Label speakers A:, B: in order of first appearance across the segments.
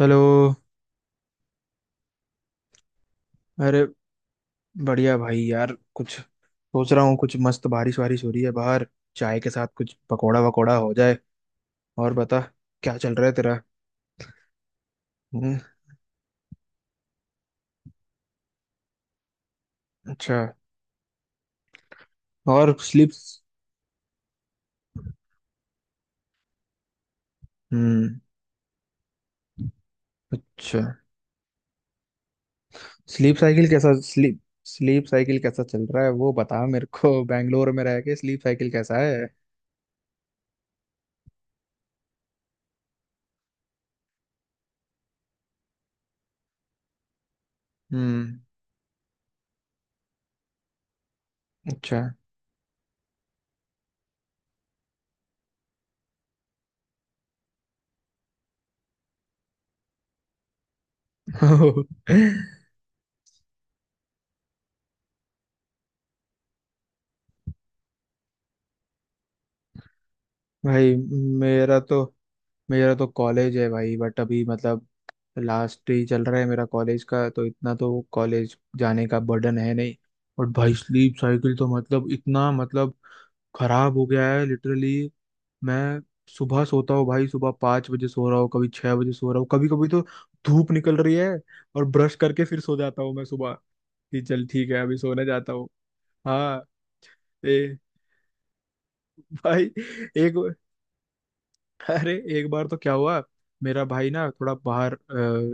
A: Hello. अरे, बढ़िया भाई। यार कुछ सोच रहा हूँ, कुछ मस्त बारिश वारिश हो रही है बाहर। चाय के साथ कुछ पकौड़ा वकौड़ा हो जाए। और बता, क्या चल रहा है तेरा? हम्म। अच्छा। और स्लीप? हम्म। अच्छा। स्लीप साइकिल कैसा स्लीप स्लीप साइकिल कैसा चल रहा है वो बता मेरे को, बैंगलोर में रह के स्लीप साइकिल कैसा है? हम्म। अच्छा। भाई, मेरा तो मेरा तो कॉलेज है भाई, बट अभी मतलब लास्ट ही चल रहा है मेरा कॉलेज का, तो इतना तो कॉलेज जाने का बर्डन है नहीं। और भाई स्लीप साइकिल तो मतलब इतना मतलब खराब हो गया है लिटरली। मैं सुबह सोता हूँ भाई, सुबह 5 बजे सो रहा हूँ, कभी 6 बजे सो रहा हूँ, कभी कभी तो धूप निकल रही है और ब्रश करके फिर सो जाता हूँ मैं सुबह कि चल ठीक है अभी सोने जाता हूँ। हाँ। ए। भाई एक, अरे एक बार तो क्या हुआ, मेरा भाई ना थोड़ा बाहर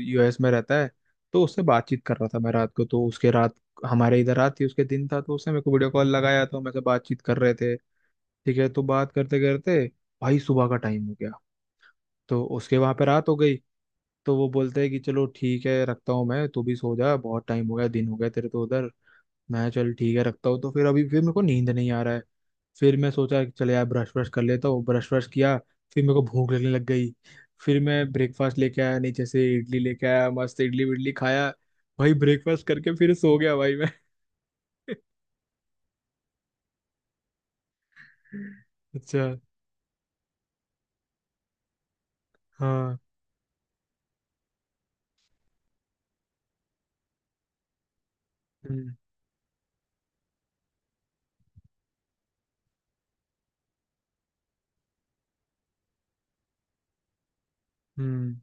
A: यूएस में रहता है, तो उससे बातचीत कर रहा था मैं रात को, तो उसके रात, हमारे इधर रात थी उसके दिन था, तो उसने मेरे को वीडियो कॉल लगाया तो मेरे से बातचीत कर रहे थे। ठीक है, तो बात करते करते भाई सुबह का टाइम हो गया, तो उसके वहां पे रात हो गई। तो वो बोलते हैं कि चलो ठीक है रखता हूँ मैं, तू भी सो जा, बहुत टाइम हो गया, दिन हो गया तेरे तो उधर। मैं चल ठीक है रखता हूँ, तो फिर अभी फिर मेरे को नींद नहीं आ रहा है। फिर मैं सोचा कि चले यार ब्रश ब्रश कर लेता हूँ, ब्रश ब्रश किया, फिर मेरे को भूख लगने लग गई। फिर मैं ब्रेकफास्ट लेके आया, नीचे से इडली लेके आया, मस्त इडली विडली खाया, भाई ब्रेकफास्ट करके फिर सो गया भाई मैं। अच्छा। हाँ। हम्म। हम्म।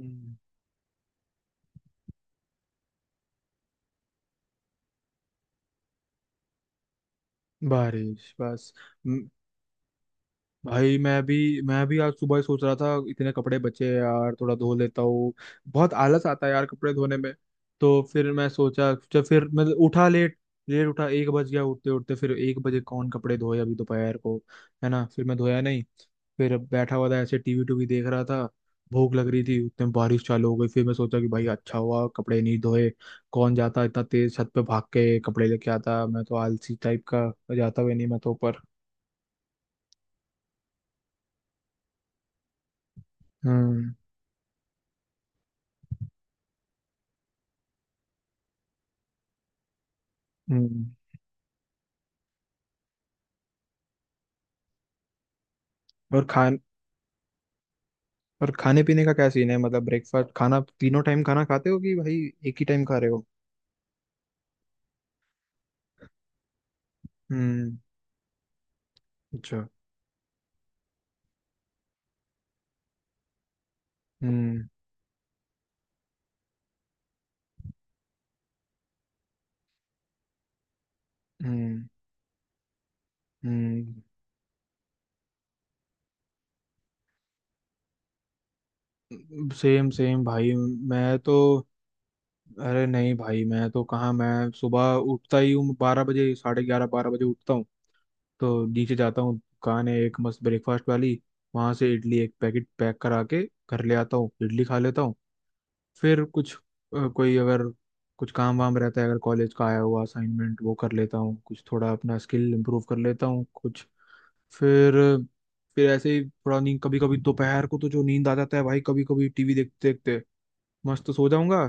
A: हम्म। बारिश बस, हम्म। भाई मैं भी आज सुबह ही सोच रहा था इतने कपड़े बचे हैं यार थोड़ा धो लेता हूँ, बहुत आलस आता है यार कपड़े धोने में। तो फिर मैं सोचा, जब फिर मैं उठा लेट लेट उठा, एक बज गया उठते उठते, फिर एक बजे कौन कपड़े धोए अभी दोपहर को, है ना? फिर मैं धोया नहीं। फिर बैठा हुआ था ऐसे, टीवी टूवी देख रहा था, भूख लग रही थी, उतने में बारिश चालू हो गई, फिर मैं सोचा कि भाई अच्छा हुआ कपड़े नहीं धोए। कौन जाता इतना तेज छत पे भाग के कपड़े लेके आता, मैं तो आलसी टाइप का, जाता भी नहीं मैं तो ऊपर। हम्म। हम्म। और खान और खाने पीने का क्या सीन है? मतलब ब्रेकफास्ट खाना तीनों टाइम खाना खाते हो कि भाई एक ही टाइम खा रहे हो? हम्म। अच्छा। हम्म। हम्म। हम्म। सेम सेम भाई। मैं तो अरे नहीं भाई, मैं तो कहाँ, मैं सुबह उठता ही हूँ 12 बजे, साढ़े ग्यारह 12 बजे उठता हूँ। तो नीचे जाता हूँ, दुकान है एक मस्त ब्रेकफास्ट वाली, वहां से इडली एक पैकेट पैक करा के घर ले आता हूँ, इडली खा लेता हूँ। फिर कुछ कोई अगर कुछ काम वाम रहता है, अगर कॉलेज का आया हुआ असाइनमेंट वो कर लेता हूँ, कुछ थोड़ा अपना स्किल इम्प्रूव कर लेता हूँ कुछ। फिर फिर ऐसे ही थोड़ा नींद, कभी कभी दोपहर को तो जो नींद आ जाता है भाई, कभी कभी टीवी देखते देखते मस्त सो जाऊंगा।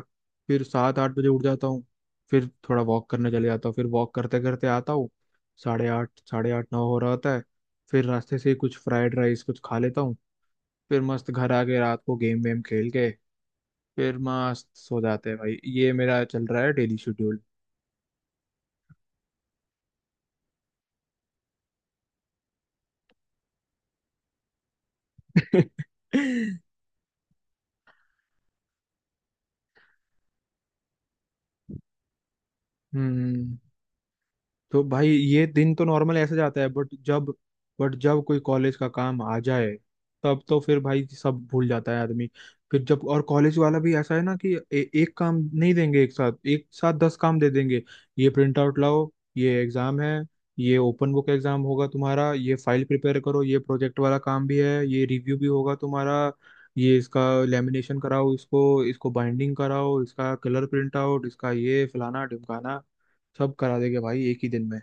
A: फिर सात आठ बजे उठ जाता हूँ, फिर थोड़ा वॉक करने चले जाता हूँ, फिर वॉक करते करते आता हूँ, साढ़े आठ नौ हो रहा होता है। फिर रास्ते से ही कुछ फ्राइड राइस कुछ खा लेता हूँ, फिर मस्त घर आके रात को गेम वेम खेल के फिर मस्त सो जाते हैं भाई, ये मेरा चल रहा है डेली शेड्यूल। हम्म। तो भाई ये दिन तो नॉर्मल ऐसे जाता है, बट जब कोई कॉलेज का काम आ जाए तब तो फिर भाई सब भूल जाता है आदमी। फिर जब और कॉलेज वाला भी ऐसा है ना कि एक काम नहीं देंगे, एक साथ 10 काम दे देंगे। ये प्रिंट आउट लाओ, ये एग्जाम है, ये ओपन बुक एग्जाम होगा तुम्हारा, ये फाइल प्रिपेयर करो, ये प्रोजेक्ट वाला काम भी है, ये रिव्यू भी होगा तुम्हारा, ये इसका लेमिनेशन कराओ, इसको इसको बाइंडिंग कराओ, इसका कलर प्रिंट आउट, इसका ये फलाना ढिमकाना, सब करा देंगे भाई एक ही दिन में।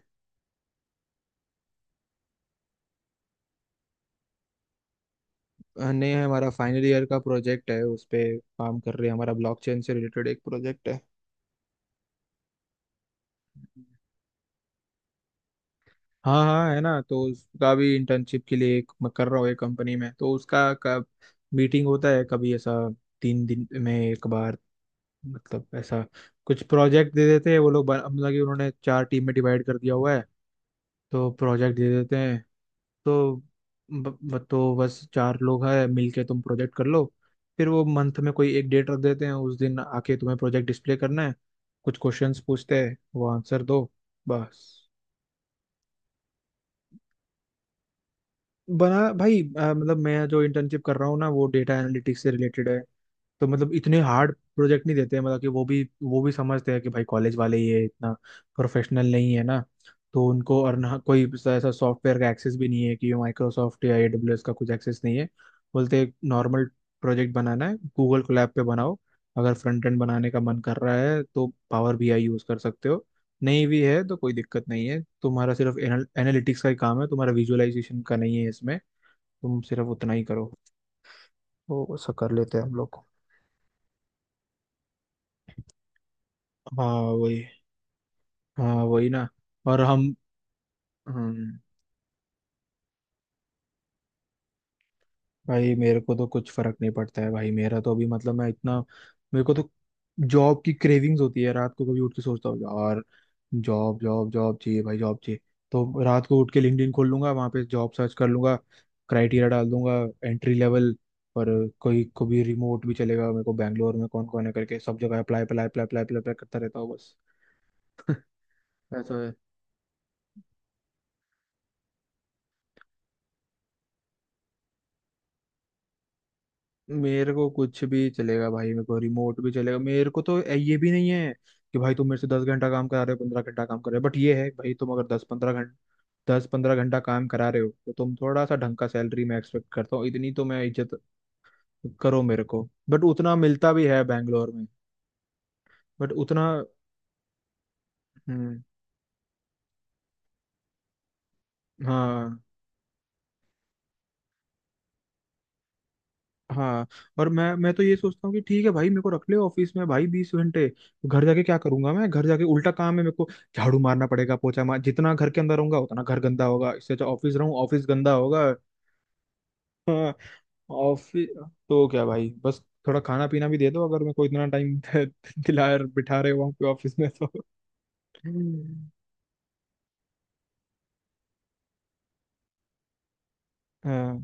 A: नहीं, हमारा फाइनल ईयर का प्रोजेक्ट है, उस पे काम कर रहे हैं, हमारा ब्लॉकचेन से रिलेटेड एक प्रोजेक्ट है। हाँ हाँ, है ना, तो उसका भी इंटर्नशिप के लिए एक मैं कर रहा हूँ एक कंपनी में, तो उसका कब मीटिंग होता है कभी ऐसा, 3 दिन में एक बार, मतलब ऐसा। कुछ प्रोजेक्ट दे देते हैं वो लोग, मतलब कि उन्होंने चार टीम में डिवाइड कर दिया हुआ है, तो प्रोजेक्ट दे देते हैं, तो ब, ब, तो बस चार लोग हैं मिलके तुम प्रोजेक्ट कर लो। फिर वो मंथ में कोई एक डेट रख देते हैं, उस दिन आके तुम्हें प्रोजेक्ट डिस्प्ले करना है, कुछ क्वेश्चंस पूछते हैं, वो आंसर दो, बस। बना भाई। मतलब मैं जो इंटर्नशिप कर रहा हूँ ना वो डेटा एनालिटिक्स से रिलेटेड है, तो मतलब इतने हार्ड प्रोजेक्ट नहीं देते हैं, मतलब कि वो भी समझते हैं कि भाई कॉलेज वाले ये इतना प्रोफेशनल नहीं है ना। तो उनको और ना कोई ऐसा सॉफ्टवेयर का एक्सेस भी नहीं है कि माइक्रोसॉफ्ट या एडब्ल्यूएस का कुछ एक्सेस नहीं है। बोलते एक नॉर्मल प्रोजेक्ट बनाना है, गूगल कोलैब पे बनाओ, अगर फ्रंट एंड बनाने का मन कर रहा है तो पावर बीआई यूज़ कर सकते हो, नहीं भी है तो कोई दिक्कत नहीं है, तुम्हारा सिर्फ एनालिटिक्स का ही काम है, तुम्हारा विजुअलाइजेशन का नहीं है इसमें, तुम सिर्फ उतना ही करो। तो सब कर लेते हैं हम लोग। हाँ वही। हाँ वही ना। और हम, हम्म। भाई मेरे को तो कुछ फर्क नहीं पड़ता है भाई, मेरा तो अभी मतलब मैं इतना, मेरे को तो जॉब की क्रेविंग्स होती है रात को कभी उठ के सोचता हूँ यार, जॉब जॉब जॉब चाहिए भाई, जॉब चाहिए। तो रात को उठ के लिंक्डइन खोल लूंगा, वहां पे जॉब सर्च कर लूंगा, क्राइटेरिया डाल दूंगा एंट्री लेवल, और कोई को भी रिमोट भी चलेगा मेरे को, बैंगलोर में कौन कौन है करके सब जगह apply apply apply apply apply करता रहता हूँ बस। ऐसा। मेरे को कुछ भी चलेगा भाई, मेरे को रिमोट भी चलेगा, मेरे को तो ये भी नहीं है कि भाई तुम मेरे से 10 घंटा काम करा रहे हो 15 घंटा काम कर रहे हो, बट ये है भाई तुम अगर दस पंद्रह घंटा दस पंद्रह घंटा काम करा रहे हो तो तुम थोड़ा सा ढंग का सैलरी मैं एक्सपेक्ट करता हूँ, इतनी तो मैं इज्जत करो मेरे को। बट उतना मिलता भी है बैंगलोर में। बट उतना, हम्म। हाँ। हाँ। और मैं तो ये सोचता हूँ कि ठीक है भाई मेरे को रख ले ऑफिस में भाई 20 घंटे, घर जाके क्या करूंगा मैं, घर जाके उल्टा काम है मेरे को, झाड़ू मारना पड़ेगा पोछा मार, जितना घर के अंदर रहूंगा उतना घर गंदा होगा, इससे अच्छा ऑफिस रहूँ, ऑफिस गंदा होगा। हाँ। ऑफिस तो क्या भाई बस थोड़ा खाना पीना भी दे दो, अगर मेरे को इतना टाइम दिला बिठा रहे हो वहाँ पे ऑफिस में तो। हम्म। हाँ।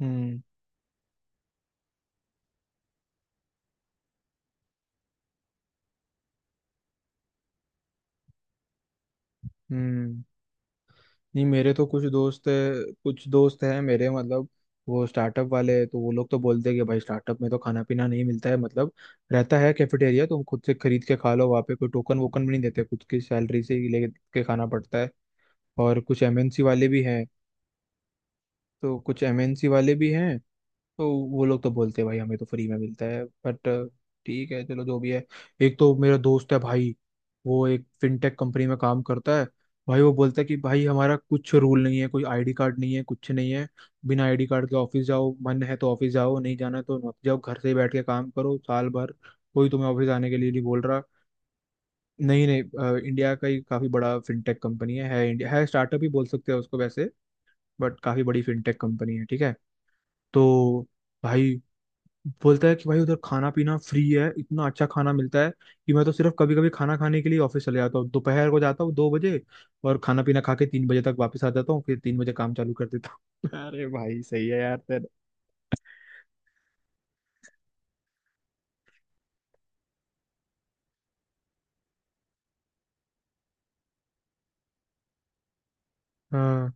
A: हम्म। हम्म। नहीं मेरे तो कुछ दोस्त, कुछ दोस्त हैं मेरे, मतलब वो स्टार्टअप वाले हैं, तो वो लोग तो बोलते हैं कि भाई स्टार्टअप में तो खाना पीना नहीं मिलता है मतलब, रहता है कैफेटेरिया तुम खुद से खरीद के खा लो, वहाँ पे कोई टोकन वोकन भी नहीं देते, खुद की सैलरी से ही लेके खाना पड़ता है। और कुछ एमएनसी वाले भी हैं, तो कुछ एमएनसी वाले भी हैं, तो वो लोग तो बोलते हैं भाई हमें तो फ्री में मिलता है, बट ठीक है चलो जो भी है। एक तो मेरा दोस्त है भाई, वो एक फिनटेक कंपनी में काम करता है, भाई वो बोलता है कि भाई हमारा कुछ रूल नहीं है, कोई आईडी कार्ड नहीं है, कुछ नहीं है, बिना आईडी कार्ड के ऑफिस जाओ, मन है तो ऑफिस जाओ, नहीं जाना है तो मत जाओ, घर से ही बैठ के काम करो साल भर, कोई तुम्हें ऑफिस आने के लिए नहीं बोल रहा। नहीं नहीं, इंडिया का ही काफी बड़ा फिनटेक कंपनी है इंडिया, है स्टार्टअप ही बोल सकते हैं उसको वैसे, बट काफी बड़ी फिनटेक कंपनी है, ठीक है। तो भाई बोलता है कि भाई उधर खाना पीना फ्री है, इतना अच्छा खाना मिलता है कि मैं तो सिर्फ कभी कभी खाना खाने के लिए ऑफिस चले जाता हूँ, दोपहर को जाता हूँ 2 बजे, और खाना पीना खा के 3 बजे तक वापस आ जाता हूँ, फिर 3 बजे काम चालू कर देता हूँ। अरे भाई सही है यार तेरा। हाँ।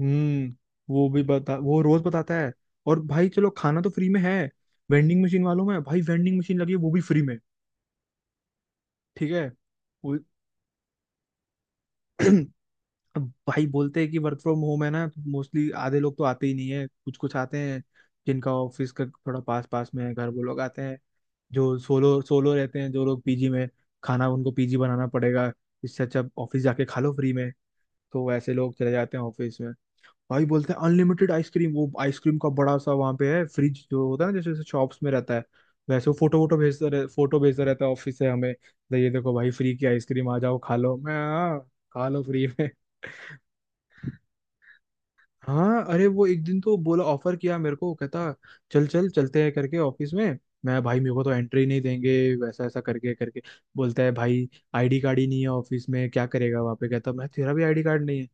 A: हम्म। वो भी बता, वो रोज बताता है। और भाई चलो, खाना तो फ्री में है, वेंडिंग मशीन वालों में भाई, वेंडिंग मशीन लगी है वो भी फ्री में। ठीक है। वो अब भाई बोलते हैं कि वर्क फ्रॉम होम है ना, तो मोस्टली आधे लोग तो आते ही नहीं है, कुछ कुछ आते हैं, जिनका ऑफिस का थोड़ा पास पास में है घर, वो लोग आते हैं, जो सोलो सोलो रहते हैं, जो लोग पीजी में, खाना उनको पीजी बनाना पड़ेगा, इससे अच्छा ऑफिस जाके खा लो फ्री में, तो ऐसे लोग चले जाते हैं ऑफिस में। भाई बोलते हैं अनलिमिटेड आइसक्रीम, वो आइसक्रीम का बड़ा सा वहाँ पे है फ्रिज जो होता है ना जैसे जैसे शॉप्स में रहता है वैसे, वो फोटो भेजता रहता है ऑफिस से हमें, तो ये देखो भाई फ्री की आइसक्रीम आ जाओ खा लो। मैं, "हाँ, खा लो फ्री में।" हाँ, अरे वो एक दिन तो बोला, ऑफर किया मेरे को, कहता चल चल चलते हैं करके ऑफिस में। मैं, भाई मेरे को तो एंट्री नहीं देंगे वैसा, ऐसा करके करके बोलता है भाई, आईडी कार्ड ही नहीं है ऑफिस में क्या करेगा वहाँ पे, कहता मैं तेरा भी आईडी कार्ड नहीं है।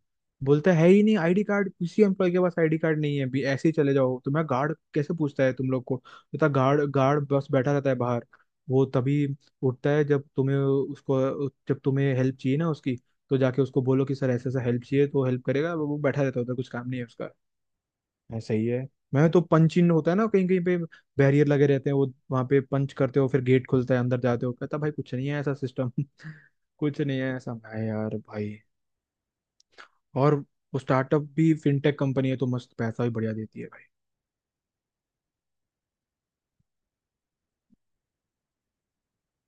A: बोलता है ही नहीं आईडी कार्ड किसी एम्प्लॉय के पास, आईडी कार्ड नहीं है भी, ऐसे ही चले जाओ। तो मैं, गार्ड कैसे पूछता है तुम लोग को, कहता गार्ड गार्ड बस बैठा रहता है बाहर, वो तभी उठता है जब तुम्हें उसको, जब तुम्हें हेल्प चाहिए ना उसकी, तो जाके उसको बोलो कि सर ऐसे ऐसा हेल्प चाहिए तो हेल्प करेगा वो बैठा रहता है उधर कुछ काम नहीं है उसका। हाँ, सही है। मैं तो पंच इन होता है ना कहीं कहीं पे बैरियर लगे रहते हैं वो, वहां पे पंच करते हो फिर गेट खुलता है अंदर जाते हो, कहता भाई कुछ नहीं है ऐसा सिस्टम। कुछ नहीं है ऐसा है यार भाई। और वो स्टार्टअप भी फिनटेक कंपनी है, तो मस्त पैसा भी बढ़िया देती है भाई।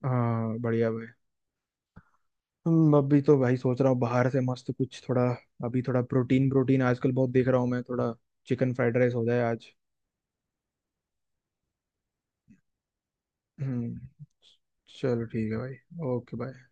A: हाँ बढ़िया भाई। हम अभी तो भाई सोच रहा हूँ बाहर से मस्त कुछ थोड़ा, अभी थोड़ा प्रोटीन प्रोटीन आजकल बहुत देख रहा हूँ मैं, थोड़ा चिकन फ्राइड राइस हो जाए आज। हम्म। चलो ठीक है भाई। Okay bye.